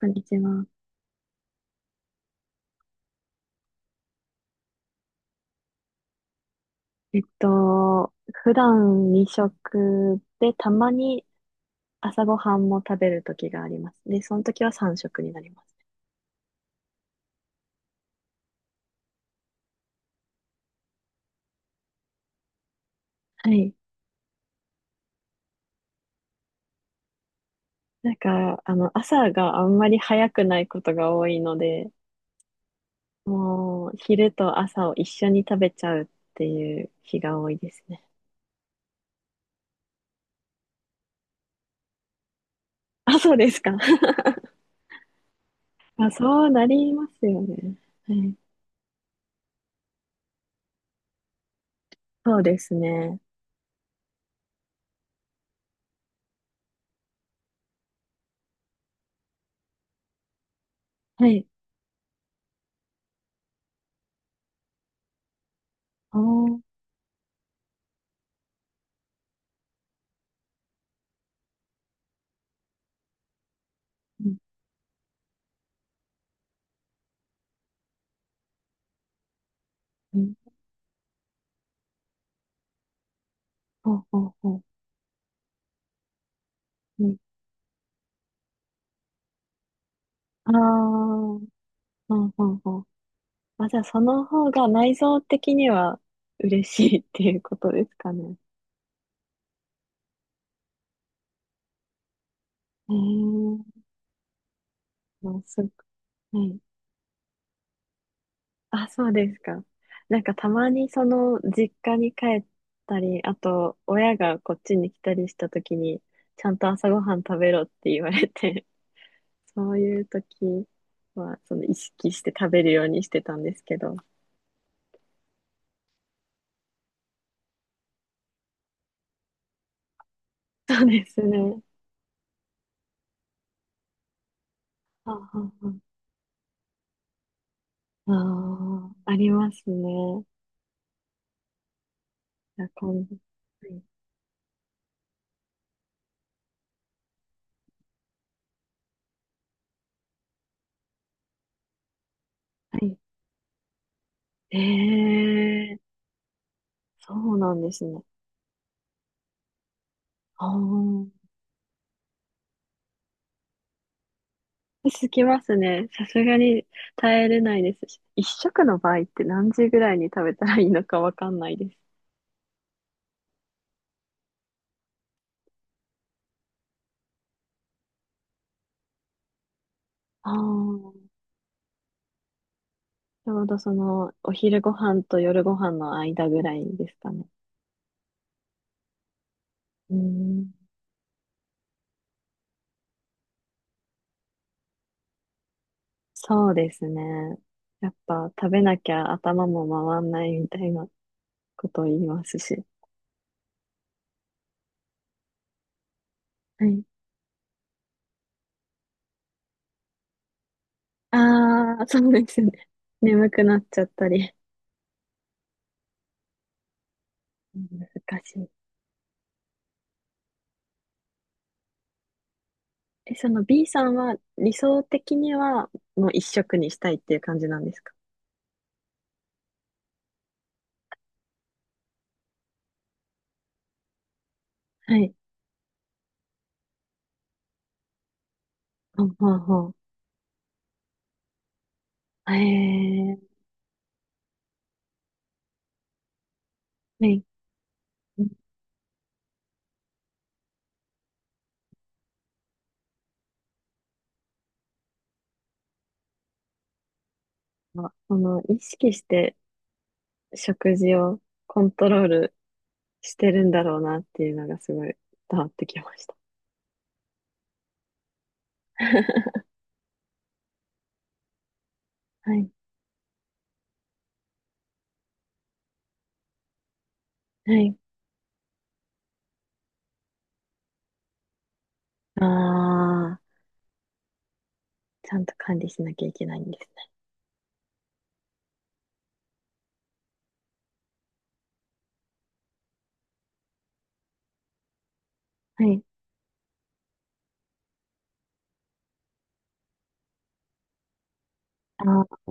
こんにちは。普段2食で、たまに朝ごはんも食べる時があります。で、その時は3食になります。はい。なんか、朝があんまり早くないことが多いので、もう、昼と朝を一緒に食べちゃうっていう日が多いですね。あ、そうですか。あ、そうなりますよね。はい。そうですね。はい。おー。うんうん。ほうほうほう。うん。ああ。ほうほうほう。あ、じゃあその方が内臓的には嬉しいっていうことですかね。えー、まあ、すごはい。あ、そうですか。なんかたまにその実家に帰ったり、あと親がこっちに来たりした時に、ちゃんと朝ごはん食べろって言われて、そういう時はその意識して食べるようにしてたんですけど。そうですね。ああああああありますね。じゃあ今度。はい。はい。ええー、そうなんですね。ああ、すきますね。さすがに耐えれないですし。一食の場合って何時ぐらいに食べたらいいのかわかんないです。ああ、ちょうどその、お昼ご飯と夜ご飯の間ぐらいですかね。うーん、そうですね。やっぱ食べなきゃ頭も回んないみたいなことを言いますし。はい。ああ、そうですね。眠くなっちゃったり。難しい。え、その B さんは理想的にはもう一色にしたいっていう感じなんですか？はい。ほうほうほう。へえ、ね、なんかその意識して食事をコントロールしてるんだろうなっていうのがすごい伝わってきました。はい。はい。ああ、ちゃんと管理しなきゃいけないんですね。はい。ああ、は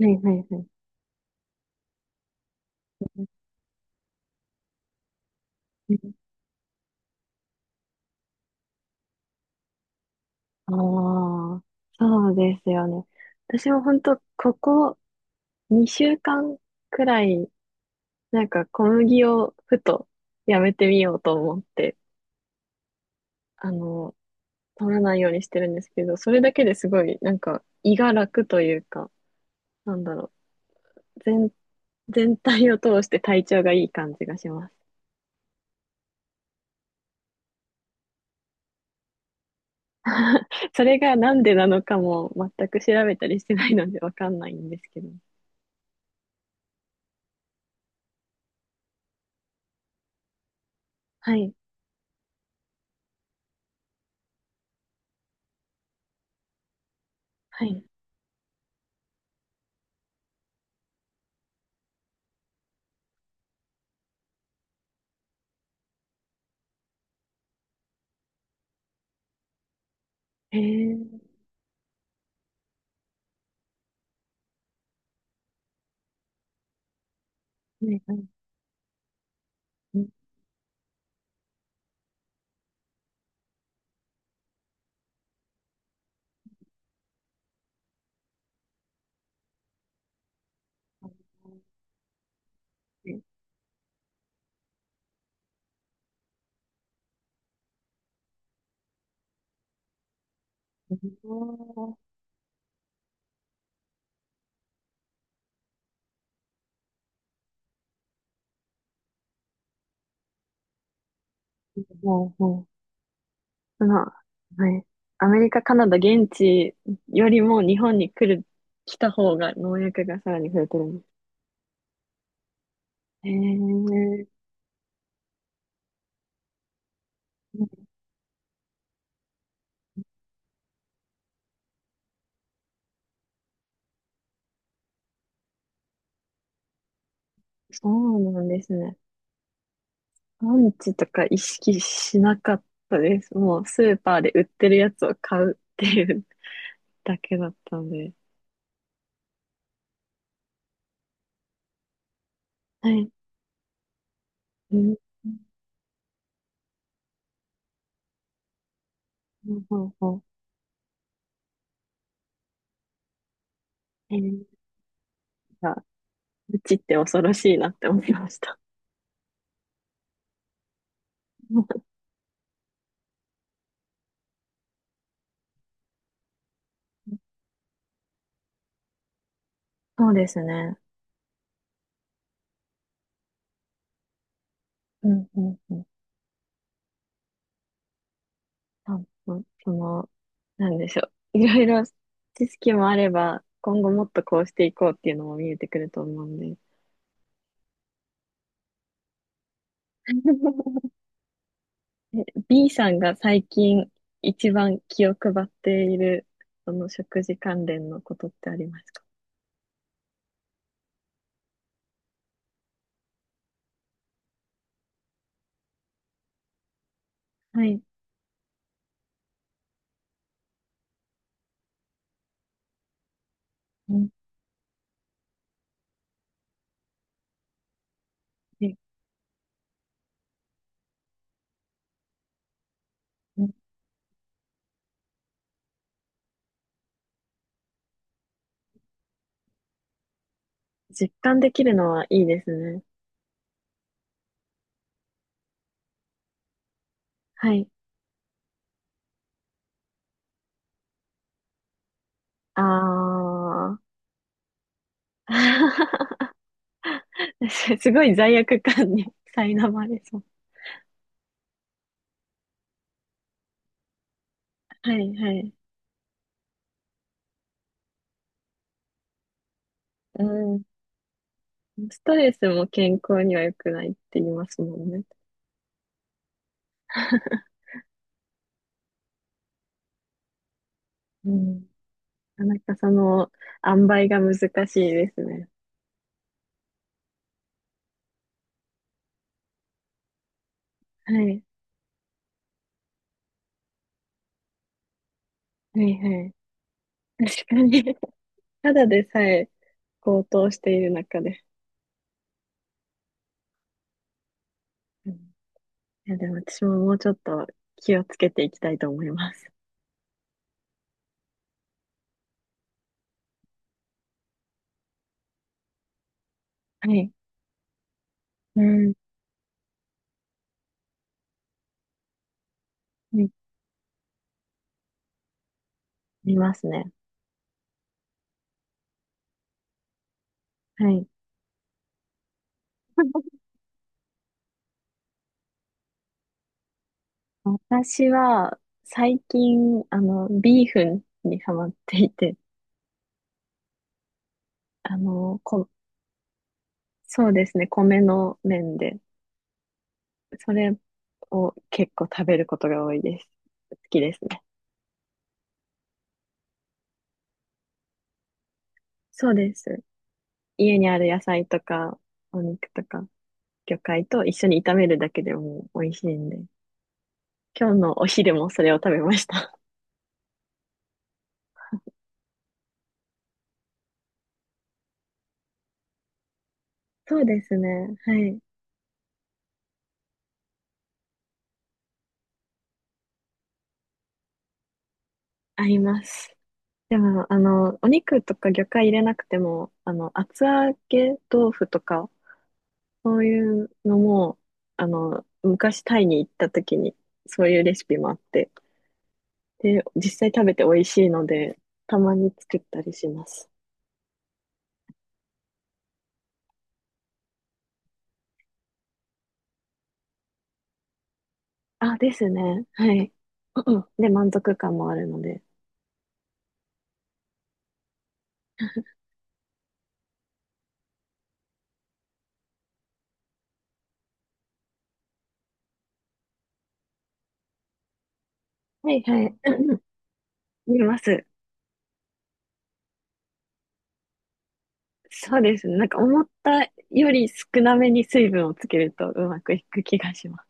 いはいはい。ああ、そうですよね。私も本当ここ2週間くらい、なんか小麦をふとやめてみようと思って、あの、取らないようにしてるんですけど、それだけですごい、なんか胃が楽というか、なんだろう、全、全体を通して体調がいい感じがします。それがなんでなのかも全く調べたりしてないのでわかんないんですけど。はい、はい。へえ、ね、はい、うんうんうん、おー、ほうほう、その、はい。アメリカ、カナダ、現地よりも日本に来る、来た方が農薬がさらに増えてるんです。へえ、そうなんですね。産地とか意識しなかったです。もうスーパーで売ってるやつを買うっていうだけだったんで。はい。うん。ほうほう。えー、なんか、うちって恐ろしいなって思いました。そうですね。うんうんうん。そうそう、その、なんでしょう。いろいろ知識もあれば、今後もっとこうしていこうっていうのも見えてくると思うんで。え B さんが最近一番気を配っている、その食事関連のことってありますか？はい。うん、え、うん、実感できるのはいいですね。はい。あー。すごい罪悪感に苛まれそう。はい、はい。うん、ストレスも健康には良くないって言いますもんね。うん。なかなかその、塩梅が難しいですね。はい。はいはい。確かに。ただでさえ高騰している中で。うん、いや、でも私ももうちょっと気をつけていきたいと思います。はい。うん。はい、見ますね。はい。私は、最近、ビーフンにハマっていて、あの、こ、そうですね、米の麺で。それを結構食べることが多いです。好きですね。そうです。家にある野菜とか、お肉とか、魚介と一緒に炒めるだけでもう美味しいんで。今日のお昼もそれを食べました。そうですね。はい。合います。でも、お肉とか魚介入れなくても、厚揚げ豆腐とか、そういうのも、昔タイに行った時に、そういうレシピもあって、で、実際食べて美味しいので、たまに作ったりします。あ、ですね。はい。うんうんで、満足感もあるので。はいはい。うんうん、見ます。そうですね。なんか思ったより少なめに水分をつけるとうまくいく気がします。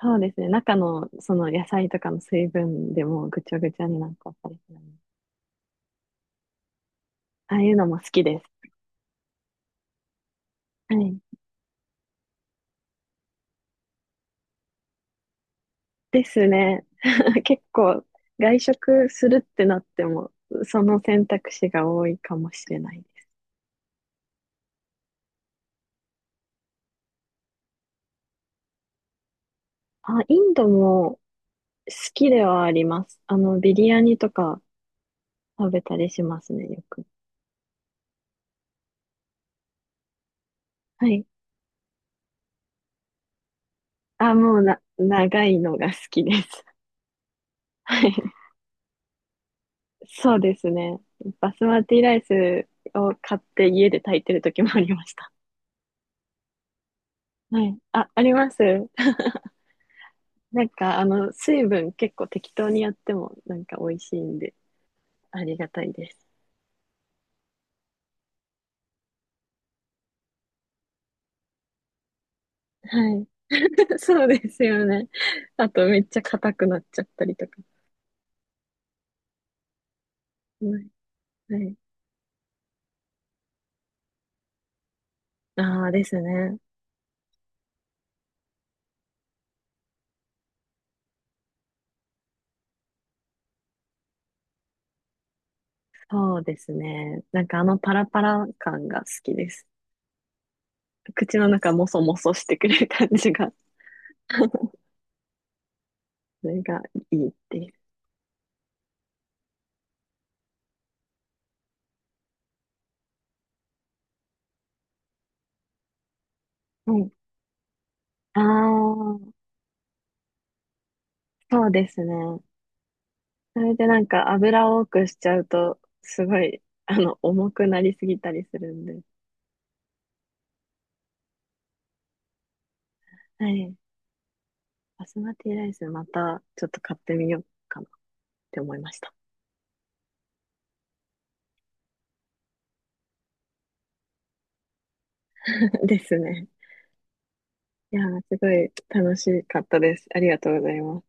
そうですね。中のその野菜とかの水分でもうぐちゃぐちゃになんかったりするのでああいうのも好きです。はい。ですね。結構外食するってなっても、その選択肢が多いかもしれない。あ、インドも好きではあります。ビリヤニとか食べたりしますね、よく。はい。あ、もうな、長いのが好きです。はい。そうですね。バスマティライスを買って家で炊いてる時もありました。はい。あ、あります。なんか、水分結構適当にやってもなんか美味しいんで、ありがたいです。はい。そうですよね。あと、めっちゃ硬くなっちゃったりとか。はい。はい。ああですね。そうですね。なんかあのパラパラ感が好きです。口の中もそもそしてくれる感じが。それがいいっていう。はい。ああ、そうですね。それでなんか油を多くしちゃうと、すごい、重くなりすぎたりするんで。はい。バスマティライスまたちょっと買ってみようかなって思いました。ですね。いやー、すごい楽しかったです。ありがとうございます。